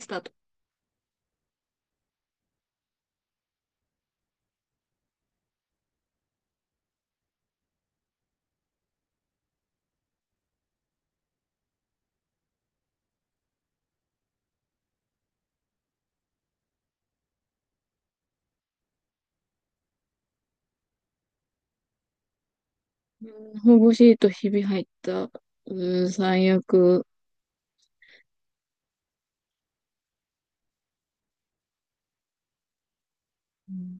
スタート。う保護シートひび入った。うーん、最悪。うん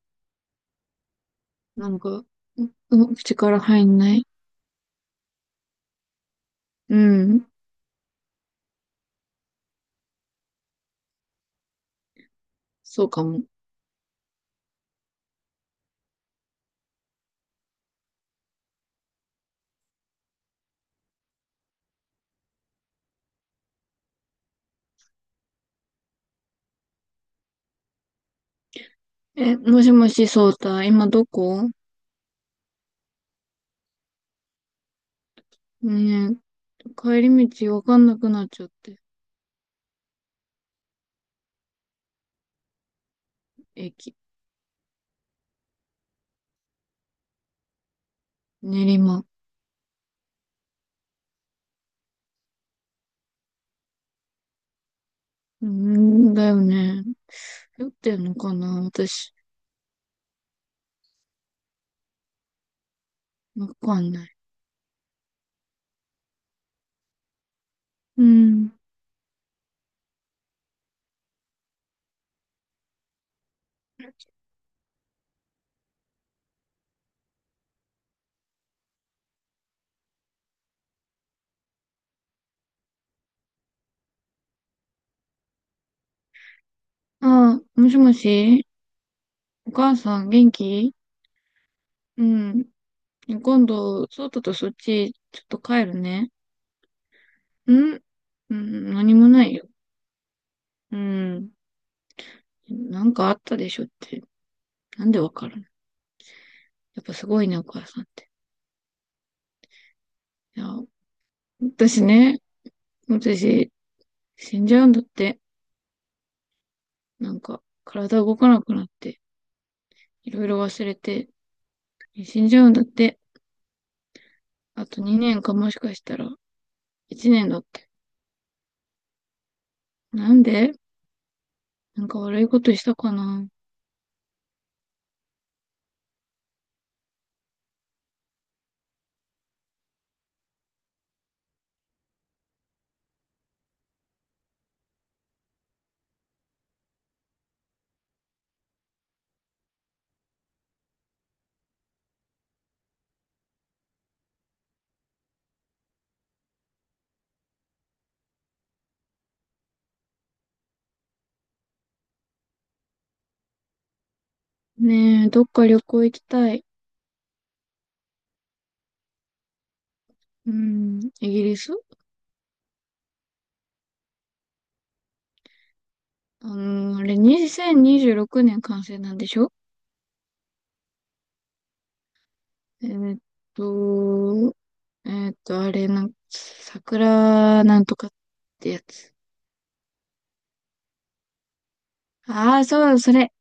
なんか、うん、口から入んない。うん、そうかも。え、もしもし、そうた、今どこ？ねえ、帰り道わかんなくなっちゃって。駅、練馬。うん、だよね。酔ってんのかな私、わかんない。うん。ああ、もしもし、お母さん元気？うん。今度、そうたとそっち、ちょっと帰るね。ん、うん、何もないよ。うん。なんかあったでしょって。なんでわかるの？やっぱすごいね、お母さんって。いや、私ね、私、死んじゃうんだって。なんか、体動かなくなって、いろいろ忘れて、死んじゃうんだって。あと2年か、もしかしたら、1年だって。なんで？なんか悪いことしたかな？ねえ、どっか旅行行きたい。うん、イギリス。あのあれ、2026年完成なんでしょ？えーっと、あれ、なん、桜なんとかってやつ。ああ、そう、それ。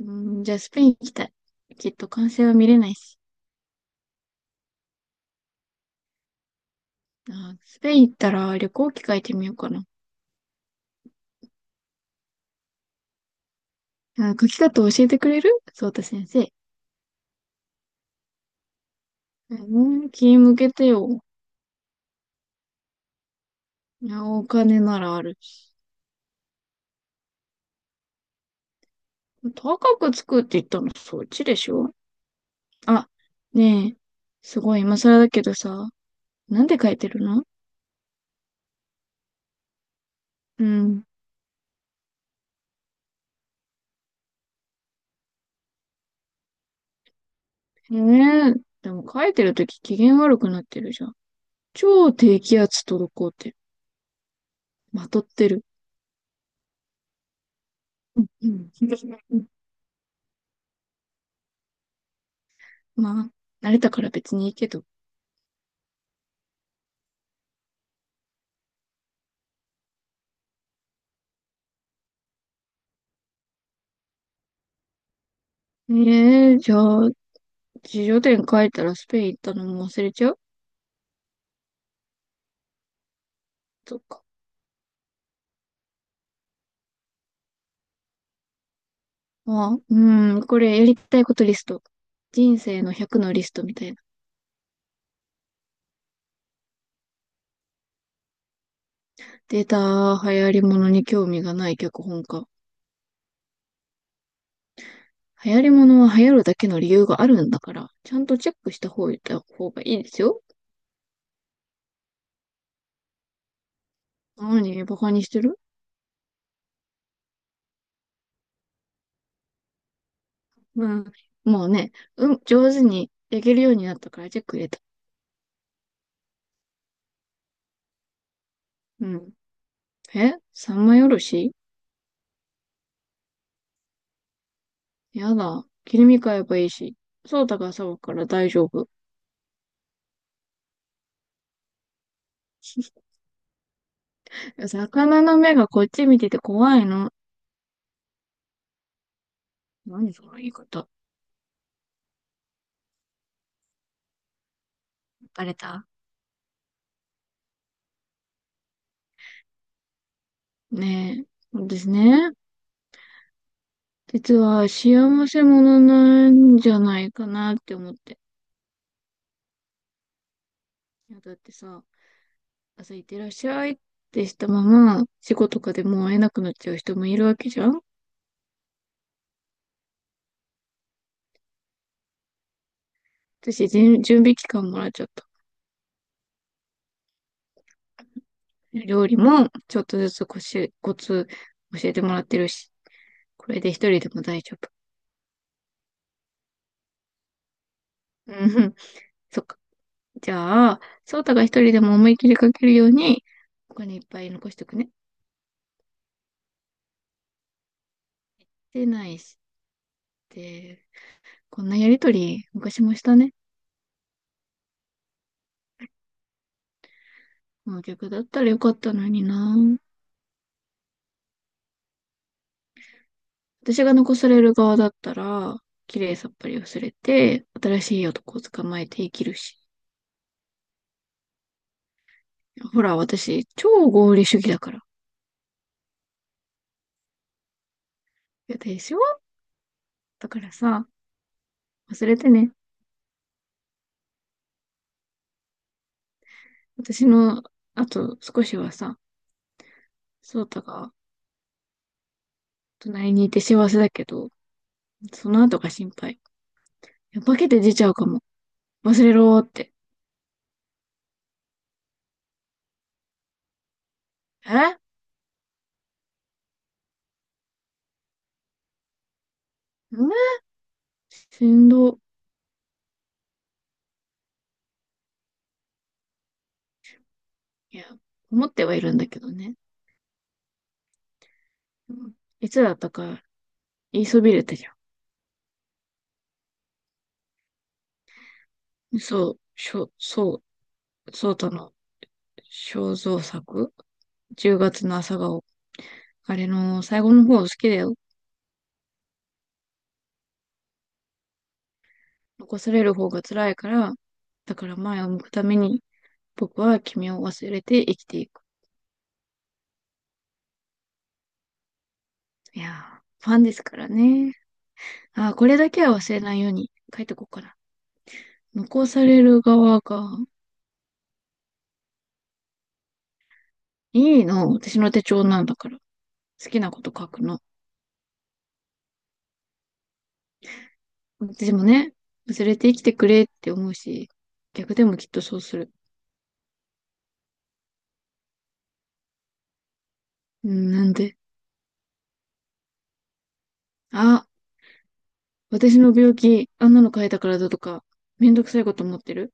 うん、じゃあ、スペイン行きたい。きっと完成は見れないし。あー、スペイン行ったら旅行機書いてみようかな。あー、書き方教えてくれるそうた先生。うん、気向けてよ。いやお金ならあるし。高くつくって言ったの、そっちでしょ？あ、ねえ、すごい今更だけどさ、なんで書いてるの？うん。ねえ。でも書いてるとき機嫌悪くなってるじゃん。超低気圧とこうって、まとってる。うん、うん。うん、ま慣れたから別にいいけど。ええ、じゃあ、自叙伝書いたらスペイン行ったのも忘れちゃう？そっか。ああ、うん、これやりたいことリスト。人生の100のリストみたいな。データ、流行り物に興味がない脚本家。流行り物は流行るだけの理由があるんだから、ちゃんとチェックした方がいいですよ。何、バカにしてる？うん。もうね、うん、上手に焼けるようになったからチェック入れた。うん。え、三枚おろし？やだ。切り身買えばいいし。そうたが騒ぐから大丈夫。魚の目がこっち見てて怖いの。何その言い方。バレた？ねえ。そうですね。実は幸せ者なんじゃないかなって思って。いや、だってさ、朝行ってらっしゃいってしたまま、仕事とかでもう会えなくなっちゃう人もいるわけじゃん。私、準備期間もらっちゃった。料理も、ちょっとずつ、コツ教えてもらってるし、これで一人でも大丈夫。うん、そっか。じゃあ、翔太が一人でも思い切りかけるように、お金いっぱい残しておくね。でないし、で、こんなやりとり、昔もしたね。もう逆だったらよかったのにな。私が残される側だったら、綺麗さっぱり忘れて、新しい男を捕まえて生きるし。ほら、私、超合理主義だから。や、でしょ？だからさ、忘れてね。私の、あと少しはさ、ソータが隣にいて幸せだけど、その後が心配。いや化けて出ちゃうかも。忘れろーって。え、うん、しんど。いや、思ってはいるんだけどね。うん、いつだったか言いそびれたじゃん。そう、しょ、そう、ソータの肖像作 ?10 月の朝顔。あれの最後の方好きだよ。残される方が辛いから、だから前を向くために僕は君を忘れて生きていく。いやー、ファンですからね。あー、これだけは忘れないように書いとこうかな。残される側が、いいの。私の手帳なんだから。好きなこと書くの。でもね、忘れて生きてくれって思うし、逆でもきっとそうする。うん、なんで。あ、私の病気、あんなの書いたからだとか、めんどくさいこと思ってる？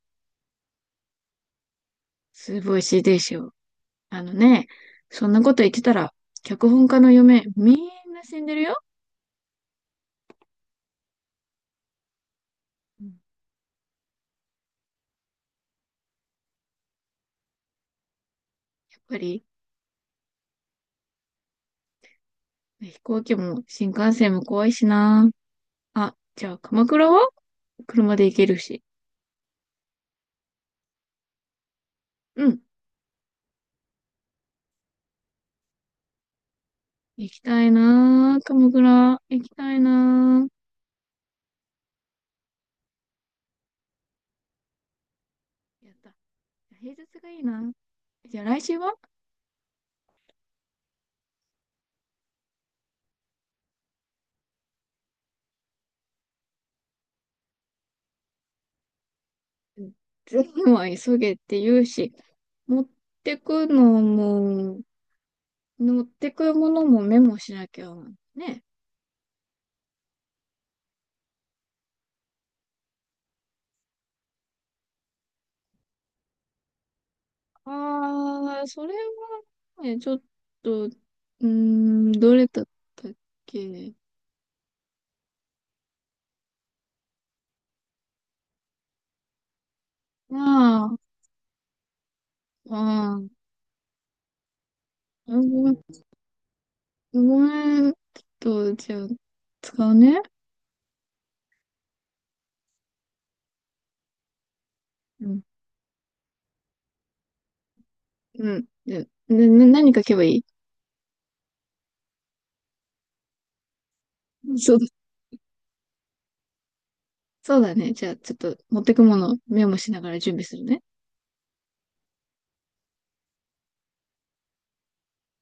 すごい CD しよ。あのね、そんなこと言ってたら、脚本家の嫁、みんな死んでるよ。うん、やっぱり、飛行機も新幹線も怖いしな。あ、じゃあ鎌倉は車で行けるし。うん。行きたいな。鎌倉、行きたいな。やった。平日がいいな。じゃあ来週は？うん、全部は急げって言うし、持ってくのも、持ってくものもメモしなきゃね。ああ、それはね、ちょっと、うーん、どれだったっけ？まあ、あー、ごめん、ごめん、ちょっと、じゃあ、使うね。うん。うん。で、で、な何書けばいい？そうだ、そうだね。じゃあ、ちょっと、持ってくもの、メモしながら準備するね。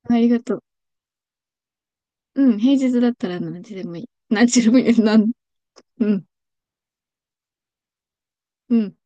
ありがとう。うん、平日だったら何時でもいい。なん、うん、うん。